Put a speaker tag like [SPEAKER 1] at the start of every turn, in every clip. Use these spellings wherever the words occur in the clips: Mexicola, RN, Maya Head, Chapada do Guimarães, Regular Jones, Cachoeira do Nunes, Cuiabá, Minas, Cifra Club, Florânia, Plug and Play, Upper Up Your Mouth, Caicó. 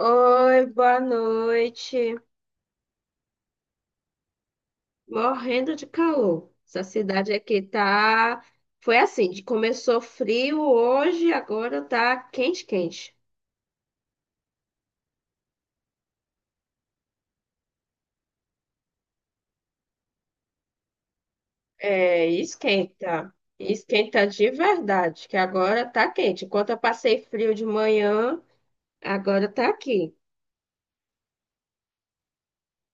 [SPEAKER 1] Oi, boa noite. Morrendo de calor. Essa cidade aqui tá. Foi assim, começou frio hoje, agora tá quente, quente. É, esquenta. Esquenta de verdade, que agora tá quente. Enquanto eu passei frio de manhã, agora tá aqui.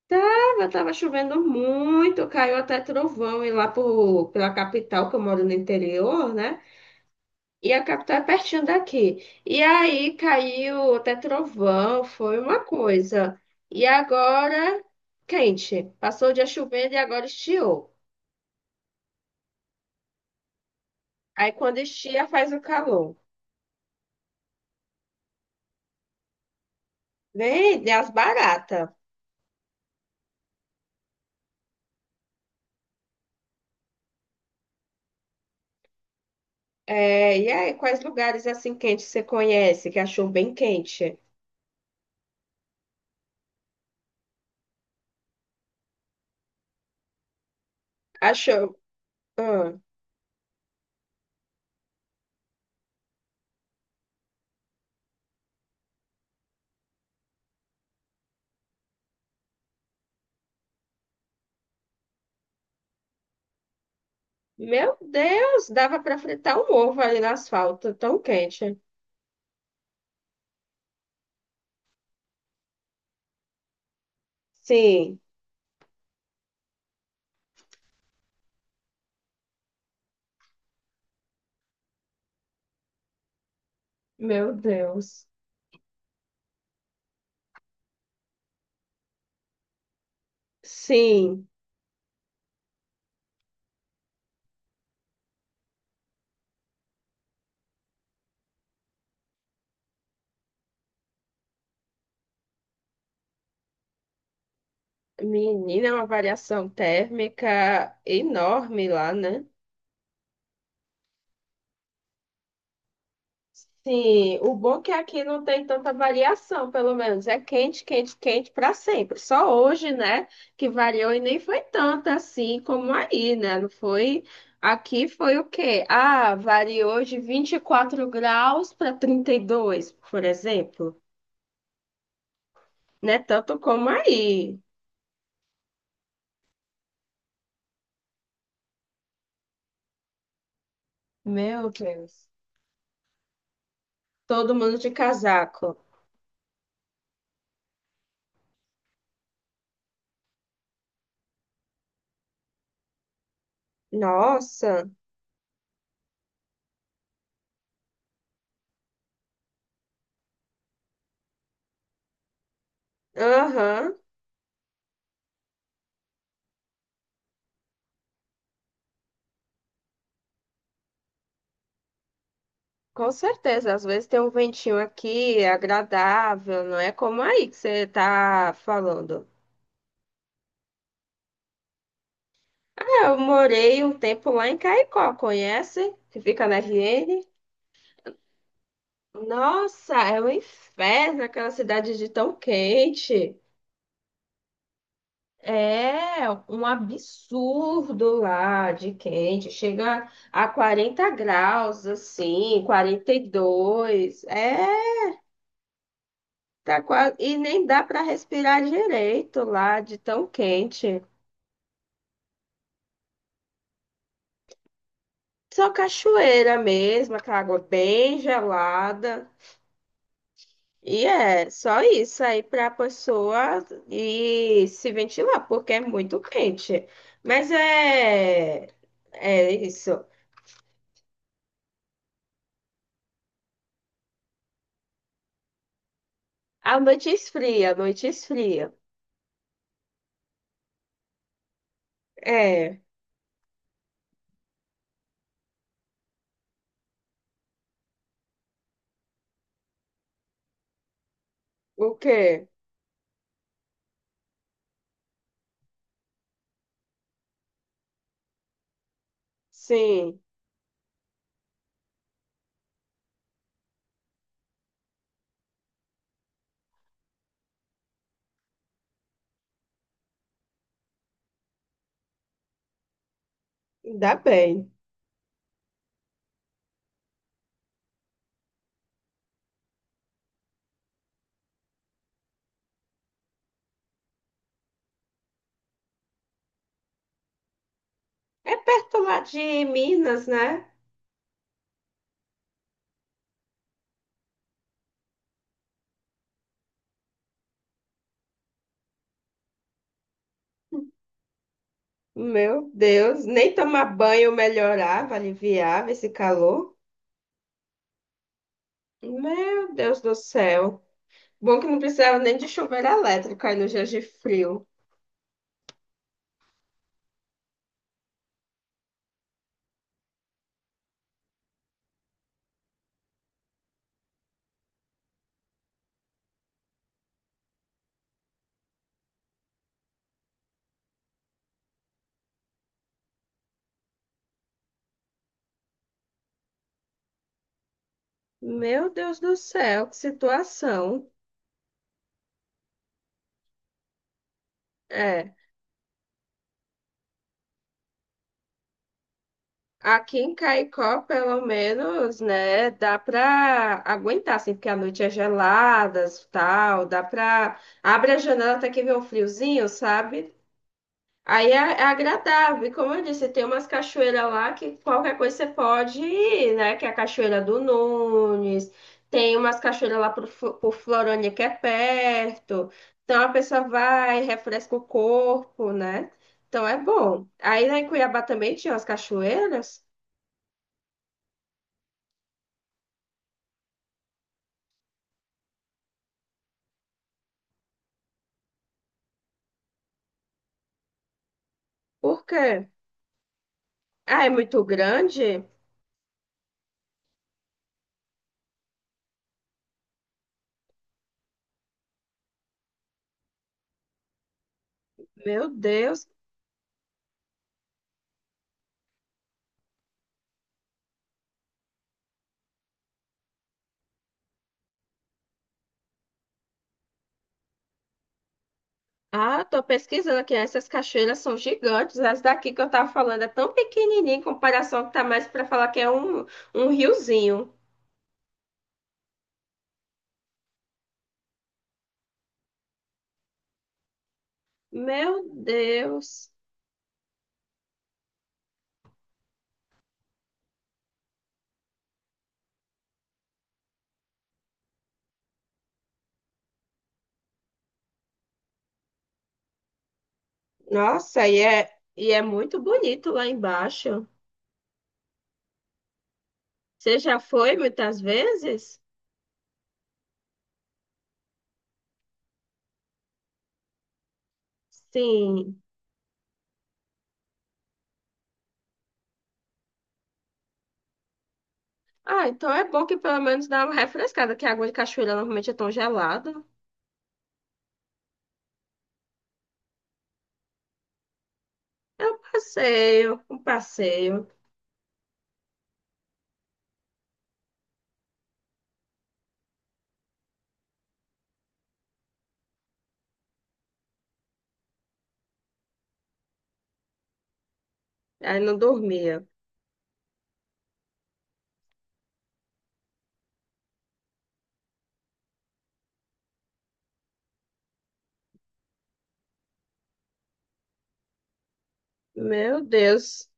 [SPEAKER 1] Tava chovendo muito, caiu até trovão e pela capital, que eu moro no interior, né? E a capital é pertinho daqui. E aí caiu até trovão, foi uma coisa. E agora, quente. Passou o dia chovendo e agora estiou. Aí quando estia, faz o calor. Vem, tem as baratas. É, e aí, quais lugares assim quentes você conhece, que achou bem quente? Achou. Ah, meu Deus, dava para fritar um ovo ali no asfalto, tão quente. Sim, meu Deus. Sim. Menina, é uma variação térmica enorme lá, né? Sim, o bom é que aqui não tem tanta variação, pelo menos. É quente, quente, quente para sempre. Só hoje, né, que variou e nem foi tanto assim como aí, né? Não foi. Aqui foi o quê? Ah, variou de 24 graus para 32, por exemplo. Né? Tanto como aí. Meu Deus. Todo mundo de casaco. Nossa. Aham. Com certeza, às vezes tem um ventinho aqui, é agradável, não é como aí que você tá falando. É, eu morei um tempo lá em Caicó, conhece? Que fica na RN. Nossa, é um inferno aquela cidade de tão quente. É um absurdo lá de quente. Chega a 40 graus, assim, 42. É, tá quase... E nem dá para respirar direito lá de tão quente. Só cachoeira mesmo, aquela água bem gelada. E é só isso aí para a pessoa ir se ventilar, porque é muito quente. Mas é, é isso. A noite esfria, a noite esfria. É, o quê? Sim, ainda bem. É perto lá de Minas, né? Meu Deus, nem tomar banho melhorava, aliviava esse calor. Meu Deus do céu. Bom que não precisava nem de chuveiro elétrico aí nos dias de frio. Meu Deus do céu, que situação. É, aqui em Caicó, pelo menos, né, dá pra aguentar, assim, porque a noite é gelada, tal, dá pra... Abre a janela até que vê um friozinho, sabe? Aí é, é agradável. E como eu disse, tem umas cachoeiras lá que qualquer coisa você pode ir, né? Que é a Cachoeira do Nunes. Tem umas cachoeiras lá pro, pro Florânia que é perto. Então a pessoa vai, refresca o corpo, né? Então é bom. Aí lá em Cuiabá também tinha umas cachoeiras. Por quê? Ah, é muito grande? Meu Deus. Ah, eu tô pesquisando aqui. Essas cachoeiras são gigantes. As daqui que eu tava falando é tão pequenininha em comparação que tá mais para falar que é um riozinho. Meu Deus. Nossa, e é muito bonito lá embaixo. Você já foi muitas vezes? Sim. Ah, então é bom que pelo menos dá uma refrescada, que a água de cachoeira normalmente é tão gelada. É um passeio, um passeio. Aí não dormia. Meu Deus.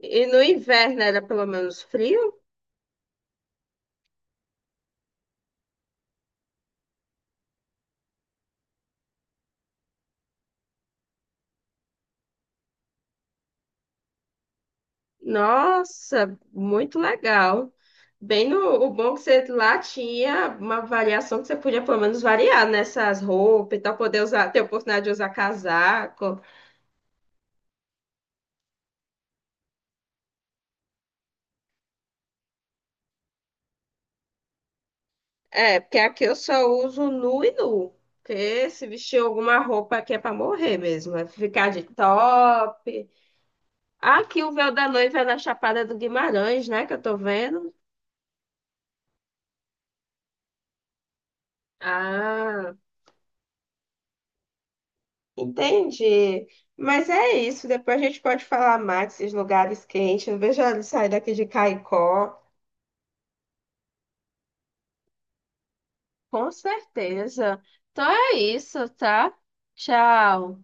[SPEAKER 1] E no inverno era pelo menos frio? Nossa, muito legal. Bem, o bom que você lá tinha uma variação que você podia pelo menos variar nessas roupas, então poder usar, ter a oportunidade de usar casaco. É, porque aqui eu só uso nu e nu. Porque se vestir alguma roupa aqui é pra morrer mesmo, é ficar de top. Aqui o véu da noiva é na Chapada do Guimarães, né, que eu tô vendo. Ah. Entendi. Mas é isso. Depois a gente pode falar mais desses lugares quentes. Eu vejo ela sair daqui de Caicó. Com certeza. Então é isso, tá? Tchau.